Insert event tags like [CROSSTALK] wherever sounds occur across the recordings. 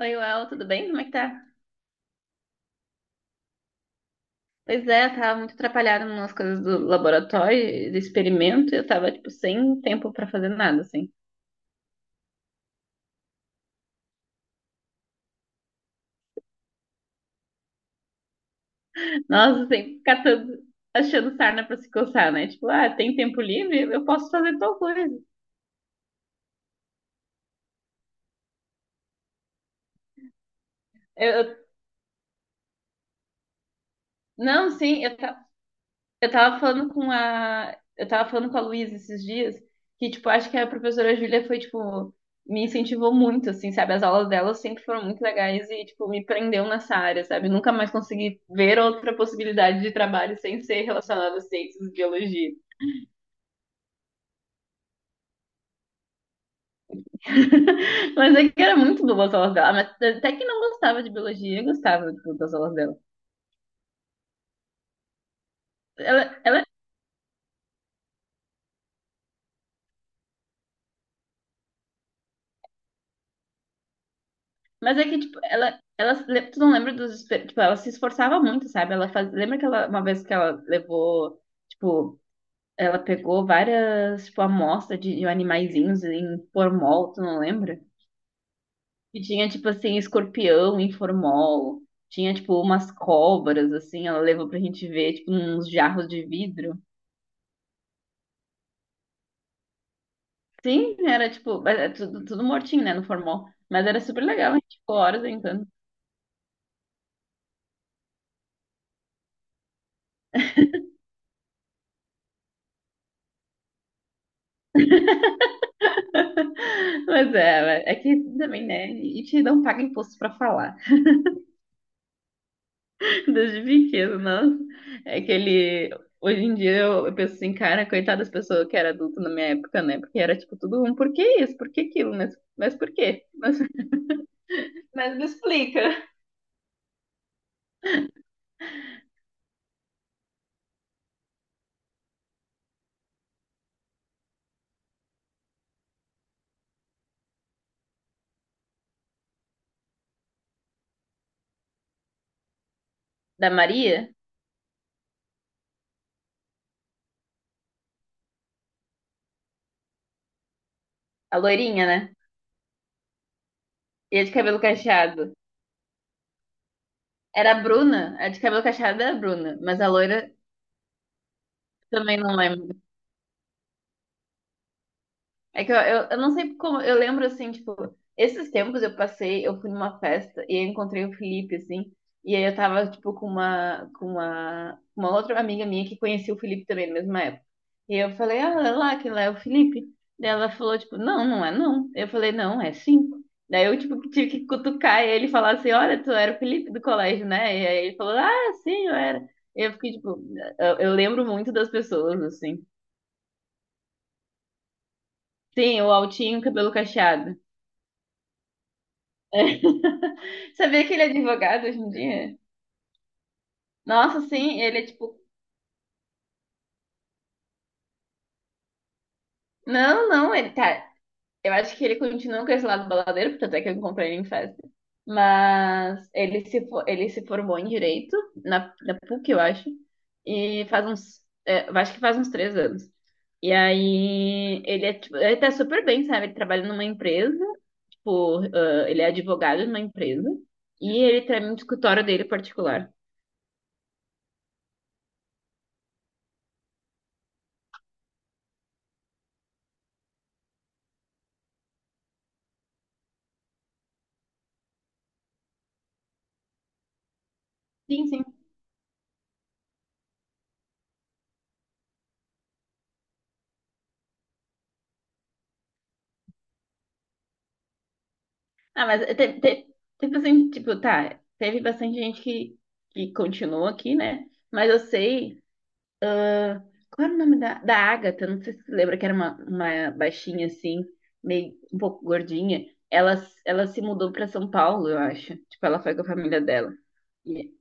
Oi, Uel, tudo bem? Como é que tá? Pois é, eu tava muito atrapalhada nas coisas do laboratório, do experimento, e eu tava, tipo, sem tempo pra fazer nada, assim. Nossa, sem ficar todo achando sarna pra se coçar, né? Tipo, ah, tem tempo livre? Eu posso fazer tal coisa. Eu, eu- não, Eu tava falando eu tava falando com a Luísa esses dias que, tipo, acho que a professora Júlia foi, tipo, me incentivou muito, assim, sabe? As aulas dela sempre foram muito legais e, tipo, me prendeu nessa área, sabe? Nunca mais consegui ver outra possibilidade de trabalho sem ser relacionada a ciências e biologia. [LAUGHS] Mas é que era muito boa as aulas dela, mas até que não gostava de biologia, eu gostava, tipo, das aulas dela. Ela. Mas é que, tipo, tu não lembra tipo, ela se esforçava muito, sabe? Ela faz, lembra que ela, uma vez que ela levou, tipo, ela pegou várias, tipo, amostras de animaizinhos em formol, tu não lembra? E tinha, tipo, assim, escorpião em formol, tinha, tipo, umas cobras, assim, ela levou pra gente ver, tipo, uns jarros de vidro. Sim, era, tipo, é tudo, tudo mortinho, né, no formol. Mas era super legal, a gente ficou horas brincando. [LAUGHS] Mas é, é que também, né? A gente não paga imposto pra falar. [LAUGHS] Desde pequeno, nossa. É que ele. Hoje em dia eu penso assim, cara, coitada das pessoas que era adulto na minha época, né? Porque era tipo tudo um, por que isso? Por que aquilo? Mas por quê? [LAUGHS] Mas me explica. Da Maria, a loirinha, né? E a de cabelo cacheado. Era a Bruna. A de cabelo cacheado era a Bruna. Mas a loira também não lembro. É que eu não sei como, eu lembro assim, tipo, esses tempos eu passei, eu fui numa festa e eu encontrei o Felipe, assim, e aí eu tava, tipo, uma outra amiga minha que conhecia o Felipe também na mesma época. E eu falei, ah, olha lá, que lá é o Felipe. Daí ela falou, tipo, não, não é não. Eu falei, não, é sim. Daí eu, tipo, tive que cutucar ele e falar assim, olha, tu era o Felipe do colégio, né? E aí ele falou, ah, sim, eu era. E eu fiquei, tipo, eu lembro muito das pessoas, assim. Sim, o altinho, cabelo cacheado. [LAUGHS] Sabia que ele é advogado hoje em dia? Nossa, sim, ele é tipo. Não, não, ele tá. Eu acho que ele continua com esse lado baladeiro, porque até que eu encontrei ele em festa. Mas ele se, fo- ele se formou em direito, na PUC, eu acho, e faz uns. É, eu acho que faz uns três anos. E aí, ele é, tipo, ele tá super bem, sabe? Ele trabalha numa empresa, tipo, ah, ele é advogado numa empresa, e ele tem um escritório dele particular. Sim, sim. Ah, teve assim, tipo, tá, teve bastante gente que continuou aqui, né? Mas eu sei, qual era o nome da Agatha? Não sei se você lembra que era uma baixinha assim, meio um pouco gordinha. Ela se mudou pra São Paulo, eu acho. Tipo, ela foi com a família dela. E-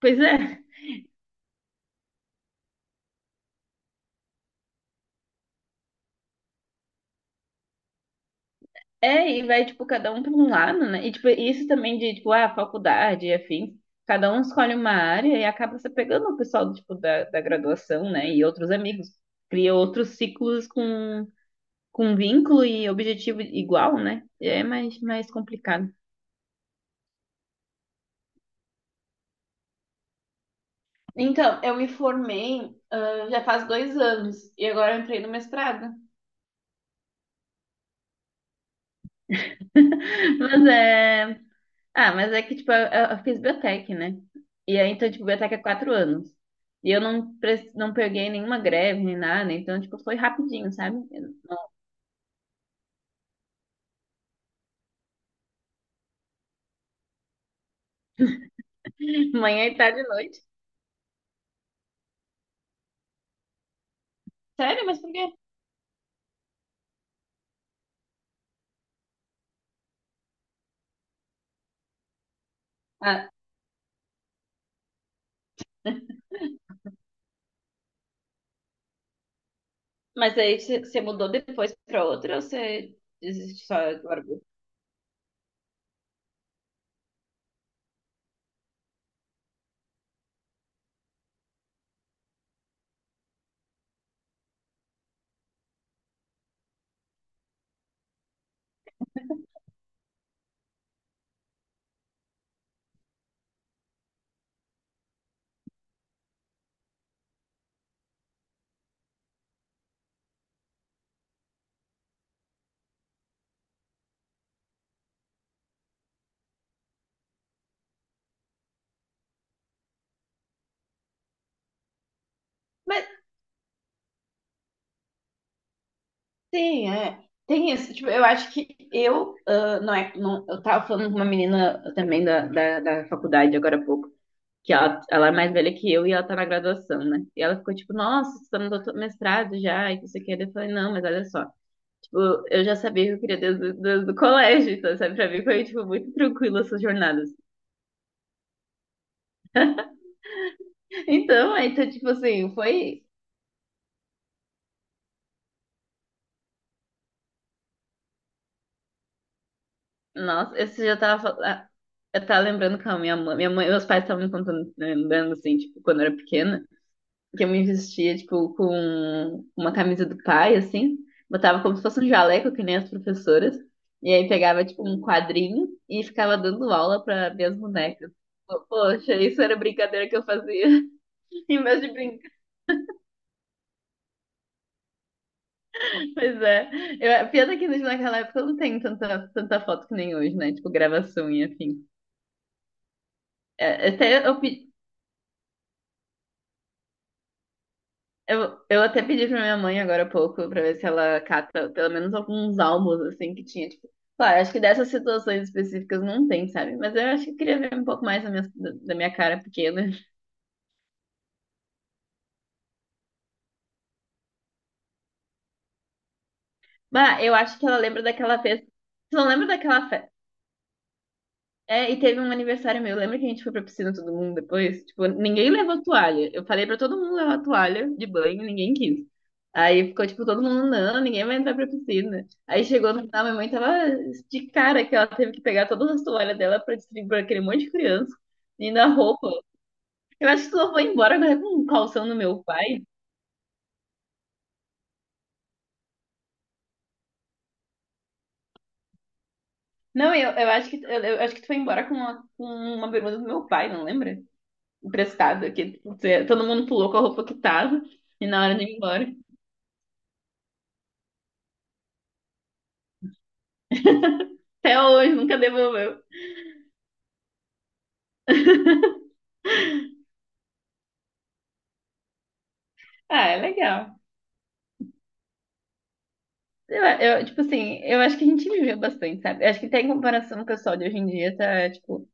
pois é, É, e vai, tipo, cada um para um lado, né? E, tipo, isso também de, tipo, ah, faculdade e afim cada um escolhe uma área e acaba se pegando o pessoal, tipo, da graduação, né? E outros amigos. Cria outros ciclos com vínculo e objetivo igual, né? É mais, mais complicado. Então, eu me formei, ah, já faz dois anos e agora eu entrei no mestrado. [LAUGHS] Mas é. Ah, mas é que, tipo, eu fiz biotec, né? E aí, então, tipo, biotec é quatro anos. E eu não, pre- não peguei nenhuma greve, nem nada. Né? Então, tipo, foi rapidinho, sabe? [LAUGHS] Manhã e tarde e noite. Sério? Mas por quê? Ah, mas aí você mudou depois pra outra ou você desiste só agora? Mas tem, é. Tem isso. Tipo, eu acho que eu. Ah, não é. Não, eu tava falando com uma menina também da faculdade agora há pouco. Que ela é mais velha que eu e ela tá na graduação, né? E ela ficou tipo, nossa, você tá no doutor- mestrado já, e que você quer? Eu falei, não, mas olha só, tipo, eu já sabia que eu queria desde, desde o colégio, então, sabe, pra mim foi, tipo, muito tranquilo essas jornadas. Então, aí, então, tipo assim, foi, nossa, eu já tava, fal- ah, eu tava lembrando com a minha mãe, meus pais estavam me contando, né, lembrando, assim, tipo, quando eu era pequena, que eu me vestia, tipo, com uma camisa do pai, assim, botava como se fosse um jaleco, que nem as professoras, e aí pegava, tipo, um quadrinho e ficava dando aula para minhas bonecas. Pô, Poxa, isso era brincadeira que eu fazia, [LAUGHS] em vez de brincar. Pois é. Eu, pena que naquela época eu não tenho tanta, tanta foto que nem hoje, né? Tipo, gravação e afim. É, Até eu, pe- Eu até pedi pra minha mãe agora há pouco pra ver se ela cata pelo menos alguns álbuns, assim, que tinha, tipo, claro, acho que dessas situações específicas não tem, sabe? Mas eu acho que eu queria ver um pouco mais da minha cara pequena. [LAUGHS] Bah, eu acho que ela lembra daquela festa. Você não lembra daquela, fe- É, e teve um aniversário meu. Lembra que a gente foi pra piscina todo mundo depois? Tipo, ninguém levou toalha. Eu falei pra todo mundo levar toalha de banho, ninguém quis. Aí ficou tipo todo mundo, não, ninguém vai entrar pra piscina. Aí chegou no final, minha mãe tava de cara que ela teve que pegar todas as toalhas dela pra distribuir pra aquele monte de criança. E na roupa. Eu acho que tu não foi embora agora com um calção do meu pai. Não, eu acho que tu foi embora com uma bermuda do meu pai, não lembra? Emprestada, que tipo, todo mundo pulou com a roupa que tava e na hora de ir embora. Até hoje, nunca devolveu. [LAUGHS] Ah, é legal. Tipo assim, eu acho que a gente viveu bastante, sabe? Eu acho que até em comparação com o pessoal de hoje em dia, tá, tipo...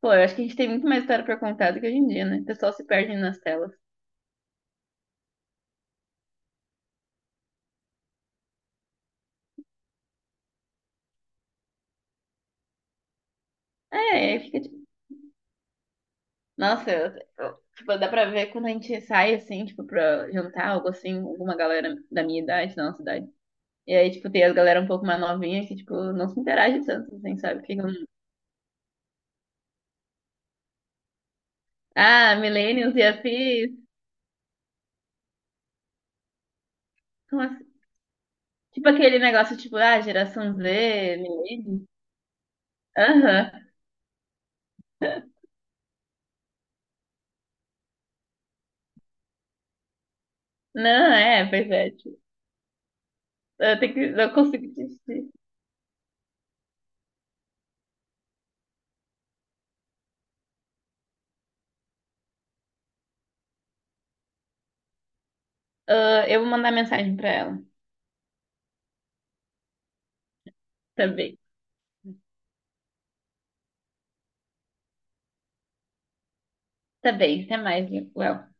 Pô, eu acho que a gente tem muito mais história pra contar do que hoje em dia, né? O pessoal se perde nas telas. É, aí fica tipo... Nossa, tipo, dá pra ver quando a gente sai, assim, tipo, pra jantar, algo assim, alguma galera da minha idade, da nossa idade. E aí, tipo, tem as galera um pouco mais novinha que, tipo, não se interage tanto, assim, sabe? Ficam... Ah, millennials e afins... Como assim?" Tipo aquele negócio, tipo, ah, geração Z, milênio. Aham. Não, é, pois é. Tipo, eu tenho que, eu consigo desistir. Ah, eu vou mandar mensagem pra ela. Tá bem. Tá bem, até mais, Léo.